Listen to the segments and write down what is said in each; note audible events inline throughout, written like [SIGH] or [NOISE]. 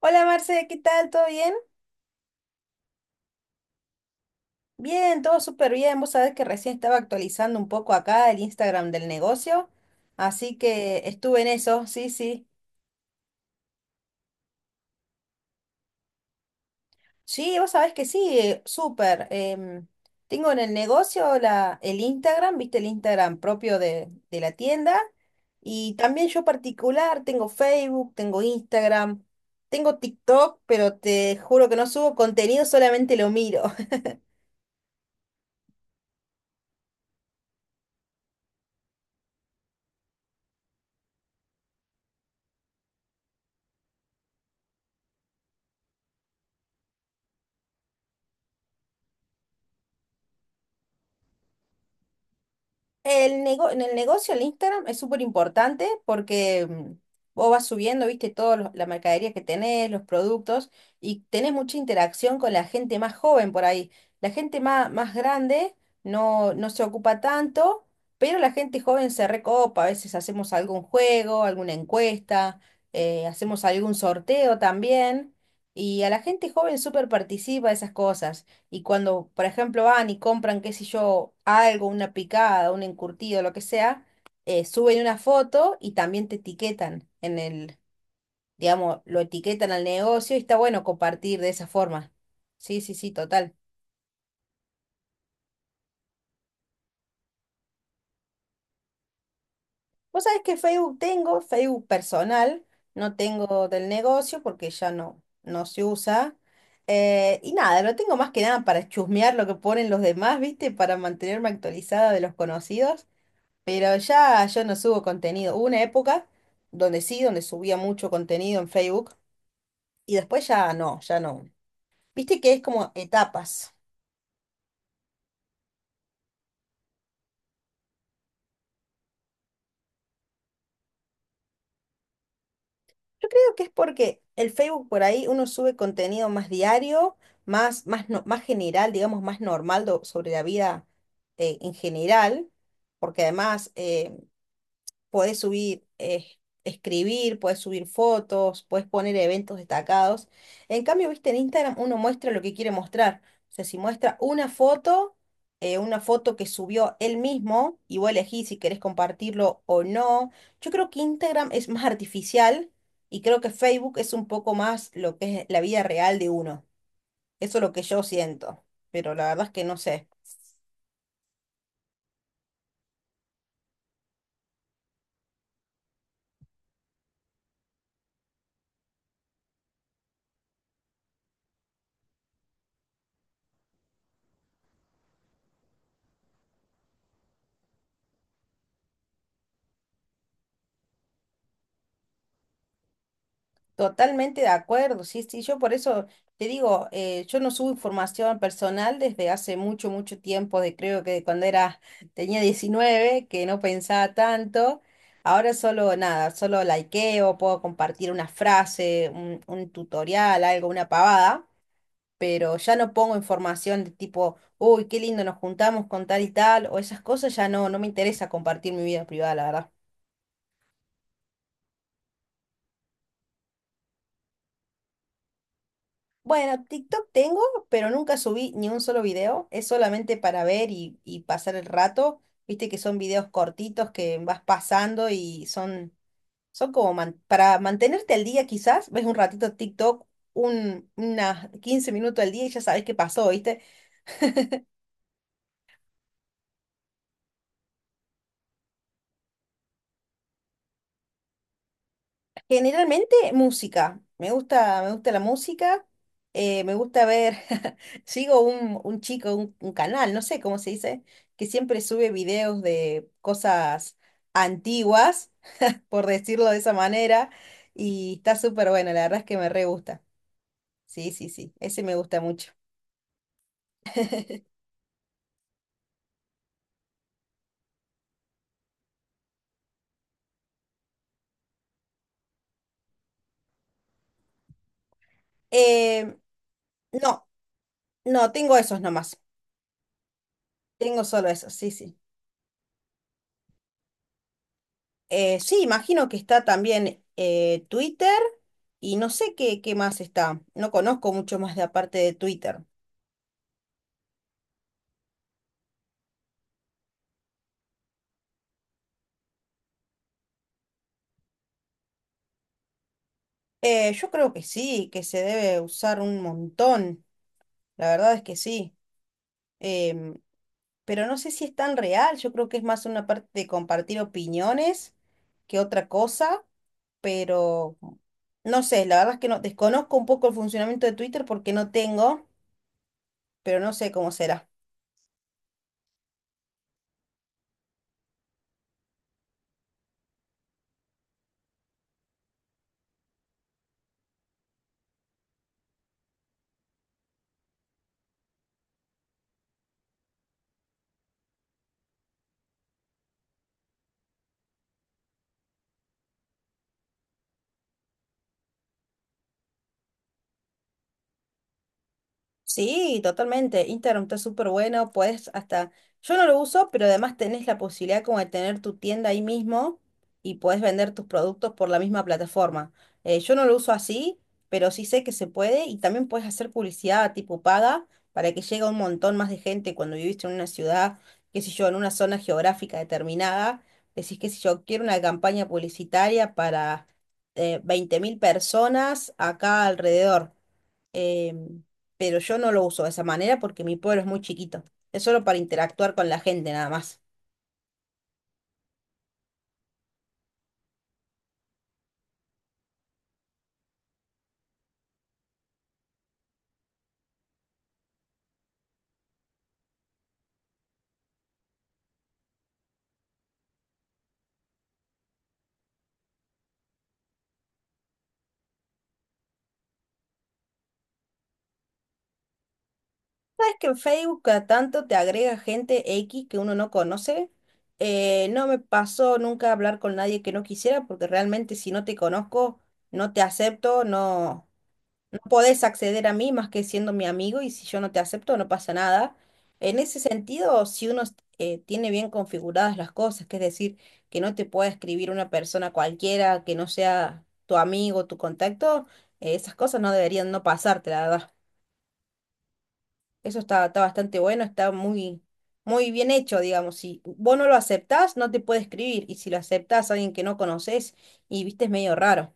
Hola Marce, ¿qué tal? ¿Todo bien? Bien, todo súper bien. Vos sabés que recién estaba actualizando un poco acá el Instagram del negocio, así que estuve en eso, sí, sí. Sí, vos sabés que sí, súper. Tengo en el negocio el Instagram, viste el Instagram propio de la tienda, y también yo particular, tengo Facebook, tengo Instagram, tengo TikTok, pero te juro que no subo contenido, solamente lo miro. En el negocio, el Instagram es súper importante porque vos vas subiendo, viste, toda la mercadería que tenés, los productos, y tenés mucha interacción con la gente más joven por ahí. La gente más, más grande no se ocupa tanto, pero la gente joven se recopa. A veces hacemos algún juego, alguna encuesta, hacemos algún sorteo también, y a la gente joven súper participa de esas cosas. Y cuando, por ejemplo, van y compran, qué sé yo, algo, una picada, un encurtido, lo que sea, suben una foto y también te etiquetan en el, digamos, lo etiquetan al negocio y está bueno compartir de esa forma. Sí, sí, sí, total. Vos sabés que Facebook tengo, Facebook personal, no tengo del negocio porque ya no se usa. Y nada, lo tengo más que nada para chusmear lo que ponen los demás, ¿viste? Para mantenerme actualizada de los conocidos. Pero ya yo no subo contenido. Hubo una época donde sí, donde subía mucho contenido en Facebook y después ya no, ya no. Viste que es como etapas. Yo creo que es porque el Facebook por ahí uno sube contenido más diario, más, más, más general, digamos, más normal sobre la vida en general, porque además podés subir, escribir, podés subir fotos, podés poner eventos destacados. En cambio, viste, en Instagram uno muestra lo que quiere mostrar. O sea, si muestra una foto que subió él mismo, y vos elegís si querés compartirlo o no. Yo creo que Instagram es más artificial y creo que Facebook es un poco más lo que es la vida real de uno. Eso es lo que yo siento. Pero la verdad es que no sé. Totalmente de acuerdo, sí, sí, yo por eso te digo, yo no subo información personal desde hace mucho, mucho tiempo, de creo que de cuando era, tenía 19, que no pensaba tanto, ahora solo nada, solo likeo, puedo compartir una frase, un tutorial, algo, una pavada, pero ya no pongo información de tipo, uy, qué lindo, nos juntamos con tal y tal, o esas cosas, ya no, no me interesa compartir mi vida privada, la verdad. Bueno, TikTok tengo, pero nunca subí ni un solo video. Es solamente para ver y pasar el rato. Viste que son videos cortitos que vas pasando y son, son como para mantenerte al día quizás. Ves un ratito TikTok, unas 15 minutos al día y ya sabes qué pasó, ¿viste? Generalmente música. Me gusta la música. Me gusta ver. [LAUGHS] Sigo un chico, un canal, no sé cómo se dice, que siempre sube videos de cosas antiguas, [LAUGHS] por decirlo de esa manera. Y está súper bueno, la verdad es que me re gusta. Sí, sí, sí. Ese me gusta mucho. Eh, no, no, tengo esos nomás. Tengo solo esos, sí, sí. Sí, imagino que está también Twitter y no sé qué, qué más está. No conozco mucho más de aparte de Twitter. Yo creo que sí, que se debe usar un montón. La verdad es que sí. Em, pero no sé si es tan real. Yo creo que es más una parte de compartir opiniones que otra cosa. Pero no sé, la verdad es que no desconozco un poco el funcionamiento de Twitter porque no tengo, pero no sé cómo será. Sí, totalmente. Instagram está súper bueno, puedes hasta, yo no lo uso, pero además tenés la posibilidad como de tener tu tienda ahí mismo y podés vender tus productos por la misma plataforma. Yo no lo uso así, pero sí sé que se puede y también puedes hacer publicidad tipo paga para que llegue a un montón más de gente cuando viviste en una ciudad, qué sé yo, en una zona geográfica determinada. Decís, qué sé yo, quiero una campaña publicitaria para 20.000 personas acá alrededor eh, pero yo no lo uso de esa manera porque mi pueblo es muy chiquito. Es solo para interactuar con la gente nada más. ¿Sabes que en Facebook cada tanto te agrega gente X que uno no conoce? No me pasó nunca hablar con nadie que no quisiera porque realmente si no te conozco, no te acepto, no. Podés acceder a mí más que siendo mi amigo y si yo no te acepto no pasa nada. En ese sentido, si uno tiene bien configuradas las cosas, que es decir, que no te pueda escribir una persona cualquiera que no sea tu amigo, tu contacto, esas cosas no deberían no pasarte, la verdad. Eso está, está bastante bueno, está muy, muy bien hecho, digamos. Si vos no lo aceptás, no te puede escribir y si lo aceptás a alguien que no conoces y viste, es medio raro.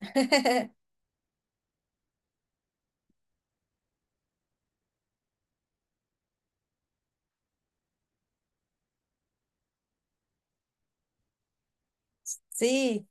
[LAUGHS] Sí.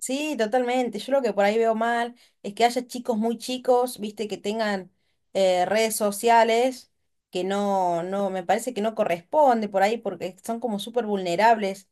Sí, totalmente. Yo lo que por ahí veo mal es que haya chicos muy chicos, viste, que tengan redes sociales, que no, no, me parece que no corresponde por ahí porque son como súper vulnerables.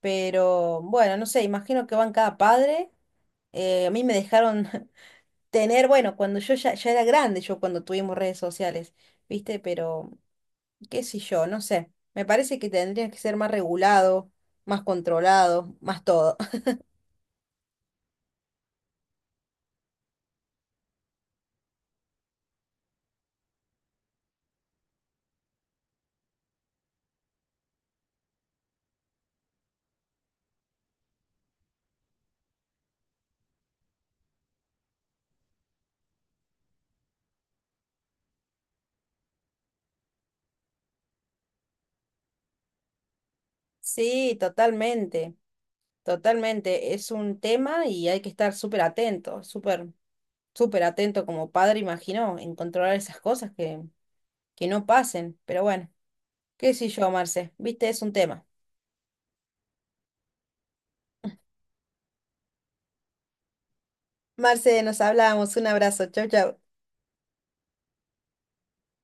Pero bueno, no sé, imagino que van cada padre. A mí me dejaron [LAUGHS] tener, bueno, cuando yo ya, ya era grande, yo cuando tuvimos redes sociales, viste, pero qué sé yo, no sé. Me parece que tendría que ser más regulado, más controlado, más todo. Sí, totalmente, totalmente. Es un tema y hay que estar súper atento, súper, súper atento como padre, imagino, en controlar esas cosas que no pasen. Pero bueno, qué sé yo, Marce, viste, es un tema. Marce, nos hablamos, un abrazo, chau, chau.